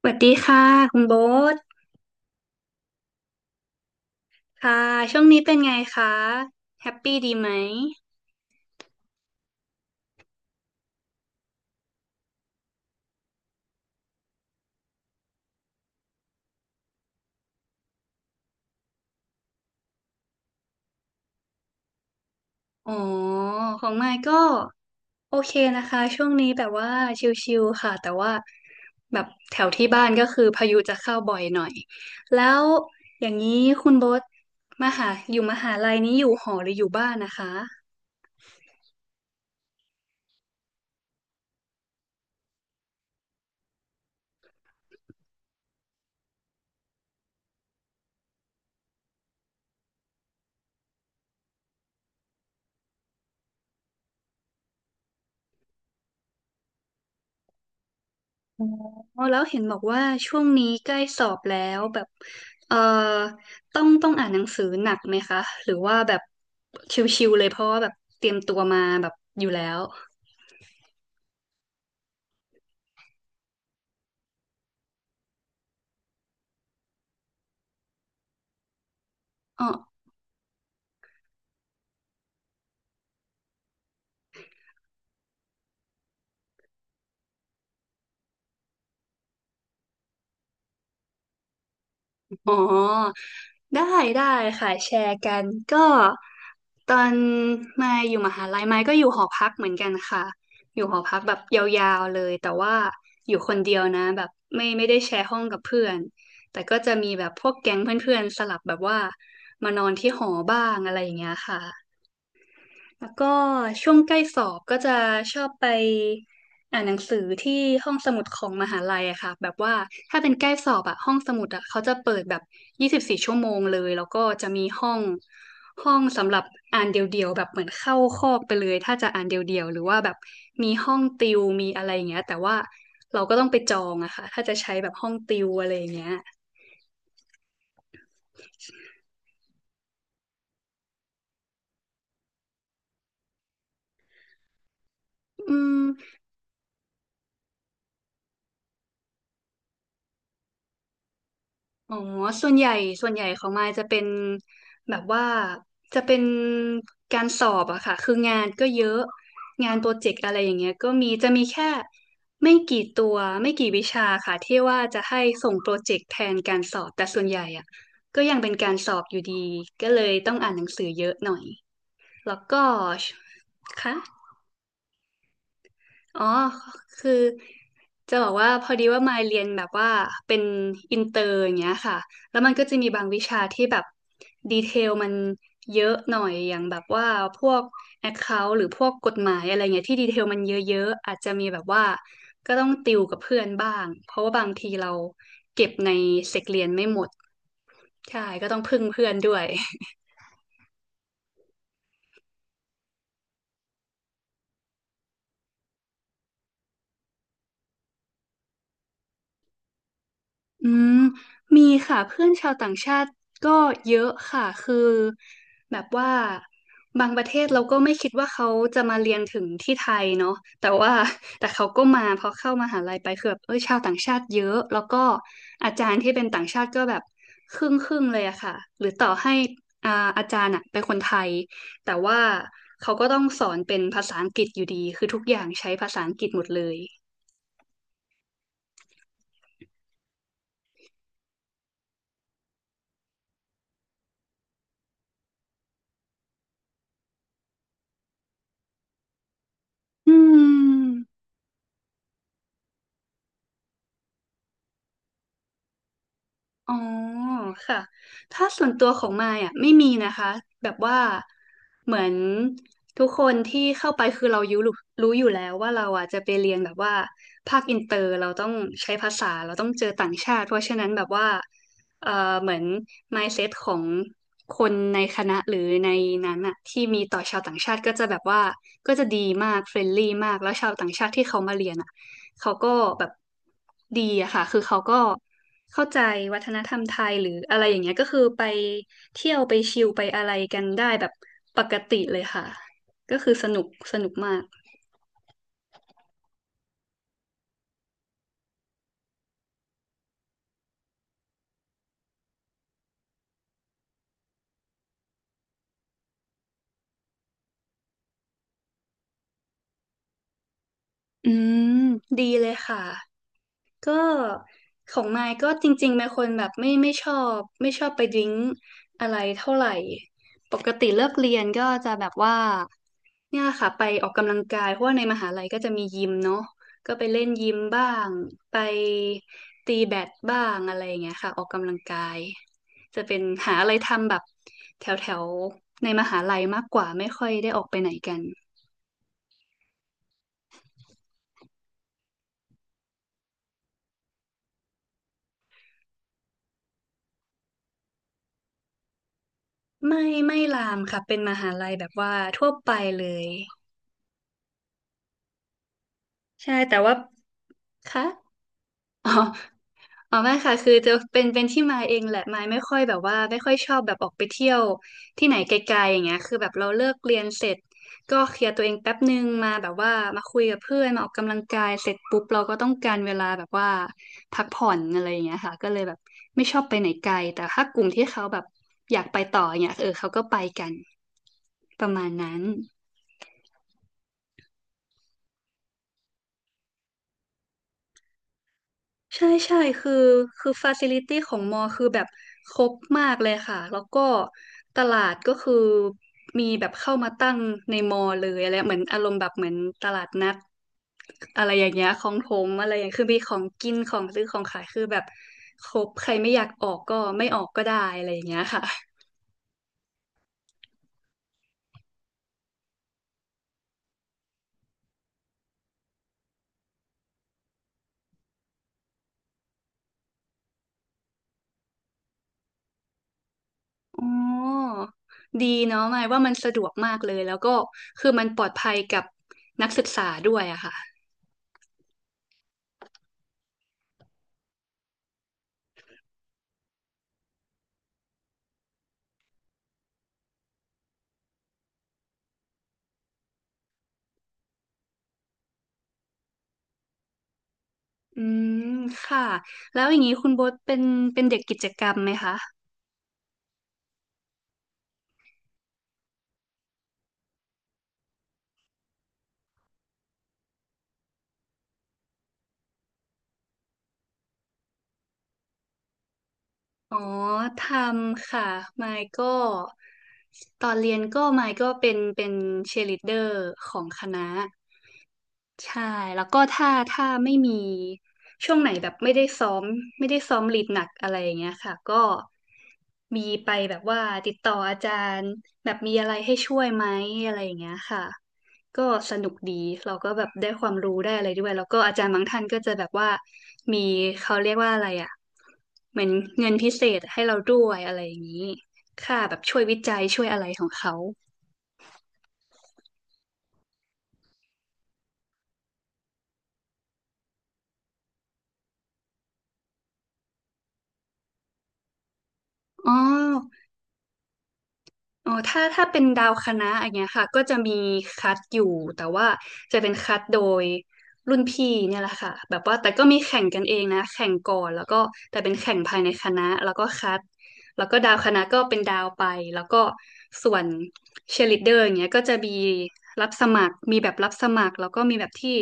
สวัสดีค่ะคุณโบ๊ทค่ะช่วงนี้เป็นไงคะแฮปปี้ดีไหมอ๋อของมายก็โอเคนะคะช่วงนี้แบบว่าชิลๆค่ะแต่ว่าแบบแถวที่บ้านก็คือพายุจะเข้าบ่อยหน่อยแล้วอย่างนี้คุณโบ๊ทมหาลัยนี้อยู่หอหรืออยู่บ้านนะคะ อ๋อแล้วเห็นบอกว่าช่วงนี้ใกล้สอบแล้วแบบเอ่อต้องอ่านหนังสือหนักไหมคะหรือว่าแบบชิวๆเลยเพราะว่าแบบเตรียมตัวมาแบบอยู่แล้วอ๋อ อ๋อได้ได้ค่ะแชร์กันก็ตอนมายอยู่มหาลัยมายก็อยู่หอพักเหมือนกันค่ะอยู่หอพักแบบยาวๆเลยแต่ว่าอยู่คนเดียวนะแบบไม่ได้แชร์ห้องกับเพื่อนแต่ก็จะมีแบบพวกแก๊งเพื่อนๆสลับแบบว่ามานอนที่หอบ้างอะไรอย่างเงี้ยค่ะ แล้วก็ช่วงใกล้สอบก็จะชอบไปอ่านหนังสือที่ห้องสมุดของมหาลัยอะค่ะแบบว่าถ้าเป็นใกล้สอบอะห้องสมุดอะเขาจะเปิดแบบ24 ชั่วโมงเลยแล้วก็จะมีห้องสำหรับอ่านเดี่ยวๆแบบเหมือนเข้าคอกไปเลยถ้าจะอ่านเดี่ยวๆหรือว่าแบบมีห้องติวมีอะไรอย่างเงี้ยแต่ว่าเราก็ต้องไปจองอะค่ะถ้าจะใช้แบบห้องติวอะไรอย่างเงี้ยอืม อ๋อ ส่วนใหญ่ส่วนใหญ่ของมายจะเป็นแบบว่าจะเป็นการสอบอะค่ะคืองานก็เยอะงานโปรเจกต์อะไรอย่างเงี้ยก็มีจะมีแค่ไม่กี่ตัว ไม่กี่วิชาค่ะที่ว่าจะให้ส่งโปรเจกต์แทนการสอบแต่ส่วนใหญ่อะก็ยังเป็นการสอบอยู่ดีก็เลยต้องอ่านหนังสือเยอะหน่อยแล้วก็ค่ะ อ๋อคือจะบอกว่าพอดีว่ามาเรียนแบบว่าเป็นอินเตอร์อย่างเงี้ยค่ะแล้วมันก็จะมีบางวิชาที่แบบดีเทลมันเยอะหน่อยอย่างแบบว่าพวก Account หรือพวกกฎหมายอะไรเงี้ยที่ดีเทลมันเยอะๆอาจจะมีแบบว่าก็ต้องติวกับเพื่อนบ้างเพราะว่าบางทีเราเก็บในเซกเรียนไม่หมดใช่ก็ต้องพึ่งเพื่อนด้วย อืมมีค่ะเพื่อนชาวต่างชาติก็เยอะค่ะคือแบบว่าบางประเทศเราก็ไม่คิดว่าเขาจะมาเรียนถึงที่ไทยเนาะแต่ว่าแต่เขาก็มาพอเข้ามหาลัยไปคือแบบเออชาวต่างชาติเยอะแล้วก็อาจารย์ที่เป็นต่างชาติก็แบบครึ่งครึ่งเลยอะค่ะหรือต่อให้อ่าอาจารย์อะเป็นคนไทยแต่ว่าเขาก็ต้องสอนเป็นภาษาอังกฤษอยู่ดีคือทุกอย่างใช้ภาษาอังกฤษหมดเลยอืม อ๋อค่ะถ้าส่วนตัวของมายอ่ะไม่มีนะคะแบบว่าเหมือนทุกคนที่เข้าไปคือเรารู้อยู่แล้วว่าเราอ่ะจะไปเรียนแบบว่าภาคอินเตอร์เราต้องใช้ภาษาเราต้องเจอต่างชาติเพราะฉะนั้นแบบว่าเอ่อเหมือน mindset ของคนในคณะหรือในนั้นอ่ะที่มีต่อชาวต่างชาติก็จะแบบว่าก็จะดีมากเฟรนลี่มากแล้วชาวต่างชาติที่เขามาเรียนอ่ะ เขาก็แบบดีอะค่ะ คือเขาก็เข้าใจวัฒนธรรมไทยหรืออะไรอย่างเงี้ยก็คือไปเที่ยวไปชิลไปอะไรกันได้แบบปกติเลยค่ะ ก็คือสนุกมาก อืมดีเลยค่ะ ก็ของมายก็จริงๆเป็นคนแบบไม่ชอบไม่ชอบไปดริ้งอะไรเท่าไหร่ปกติเลิกเรียนก็จะแบบว่าเนี่ยค่ะไปออกกำลังกายเพราะว่าในมหาลัยก็จะมียิมเนาะก็ไปเล่นยิมบ้างไปตีแบดบ้างอะไรอย่างเงี้ยค่ะออกกำลังกายจะเป็นหาอะไรทำแบบแถวแถวในมหาลัยมากกว่าไม่ค่อยได้ออกไปไหนกันไม่ลามค่ะเป็นมหาลัยแบบว่าทั่วไปเลย ใช่แต่ว่าคะอ๋ออ๋อไม่ค่ะคือจะเป็นที่มาเองแหละมายไม่ค่อยแบบว่าไม่ค่อยชอบแบบออกไปเที่ยวที่ไหนไกลๆอย่างเงี้ยคือแบบเราเลิกเรียนเสร็จก็เคลียร์ตัวเองแป๊บนึงมาแบบว่ามาคุยกับเพื่อนมาออกกำลังกายเสร็จปุ๊บเราก็ต้องการเวลาแบบว่าพักผ่อนอะไรอย่างเงี้ยค่ะก็เลยแบบไม่ชอบไปไหนไกลแต่ถ้ากลุ่มที่เขาแบบอยากไปต่ออย่างเงี้ยเออเขาก็ไปกันประมาณนั้น ใช่คือฟาซิลิตี้ของมอคือแบบครบมากเลยค่ะแล้วก็ตลาดก็คือมีแบบเข้ามาตั้งในมอเลยอะไรเหมือนอารมณ์แบบเหมือนตลาดนัดอะไรอย่างเงี้ยของถมอะไรอย่างคือมีของกินของซื้อของขายคือแบบครบใครไม่อยากออกก็ไม่ออกก็ได้อะไรอย่างเงี้ยค่ะอ๋อดีเนาะหมายว่ามันสะดวกมากเลยแล้วก็คือมันปลอดภัยกับนักศึกษาด้วยอะค่ะ อืมค่ะแล้วอย่างนี้คุณโบ๊ทเป็นเป็นเด็กกิจกรรมไหมคะอ๋อทำค่ะมายก็ตอนเรียนก็มายก็เป็นเชียร์ลีดเดอร์ของคณะ ใช่แล้วก็ถ้าไม่มีช่วงไหนแบบไม่ได้ซ้อมลีดหนักอะไรอย่างเงี้ยค่ะก็มีไปแบบว่าติดต่ออาจารย์แบบมีอะไรให้ช่วยไหมอะไรอย่างเงี้ยค่ะก็สนุกดีเราก็แบบได้ความรู้ได้อะไรด้วยแล้วก็อาจารย์บางท่านก็จะแบบว่ามีเขาเรียกว่าอะไรอ่ะเหมือนเงินพิเศษให้เราด้วยอะไรอย่างนี้ค่าแบบช่วยวิจัยช่วยอะไรของเขาอ๋อ อ๋อถ้าเป็นดาวคณะอย่างเงี้ยค่ะก็จะมีคัดอยู่แต่ว่าจะเป็นคัดโดยรุ่นพี่เนี่ยแหละค่ะแบบว่าแต่ก็มีแข่งกันเองนะแข่งก่อนแล้วก็แต่เป็นแข่งภายในคณะแล้วก็คัดแล้วก็ดาวคณะก็เป็นดาวไปแล้วก็ส่วนเชียร์ลีดเดอร์อย่างเงี้ยก็จะมีรับสมัครมีแบบรับสมัครแล้วก็มีแบบที่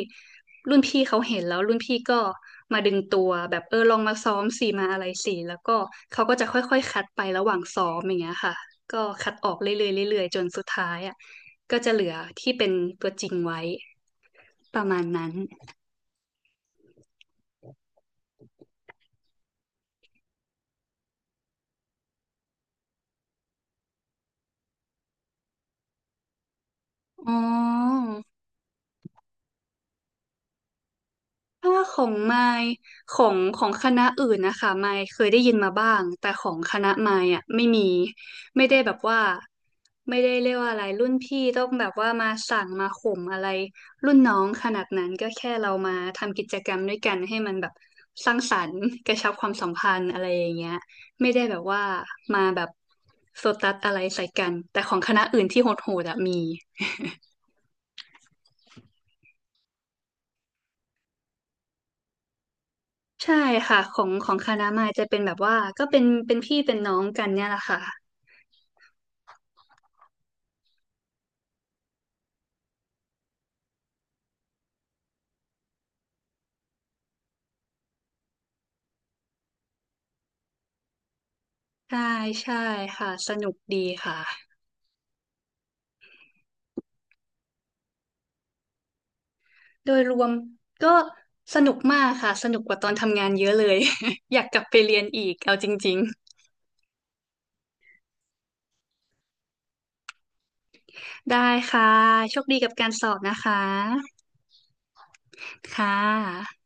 รุ่นพี่เขาเห็นแล้วรุ่นพี่ก็มาดึงตัวแบบเออลองมาซ้อมสิมาอะไรสิแล้วก็เขาก็จะค่อยๆคัดไประหว่างซ้อมอย่างเงี้ยค่ะก็คัดออกเรื่อยๆเรื่อยๆจนสุดท้ายอ่ะก็จะเหลือที่เป็นตัวจริงไว้ประมาณนั้นอ๋อ ถ้าของไมค์ของของคณะอื่นนะคะไมค์เคยได้ยินมาบ้างแต่ของคณะไมค์อ่ะไม่มีไม่ได้แบบว่าไม่ได้เรียกว่าอะไรรุ่นพี่ต้องแบบว่ามาสั่งมาข่มอะไรรุ่นน้องขนาดนั้นก็แค่เรามาทำกิจกรรมด้วยกันให้มันแบบสร้างสรรค์กระชับความสัมพันธ์อะไรอย่างเงี้ยไม่ได้แบบว่ามาแบบโซตัสอะไรใส่กันแต่ของคณะอื่นที่โหดๆอะมี ใช่ค่ะของของคณะมายจะเป็นแบบว่าก็เป็นพี่เป็นน้องกันเนี่ยแหละค่ะใช่ใช่ค่ะสนุกดีค่ะโดยรวมก็สนุกมากค่ะสนุกกว่าตอนทำงานเยอะเลย อยากกลับไปเรียนอีกเอาจริงๆได้ค่ะโชคดีกับการสอบนะคะค่ะ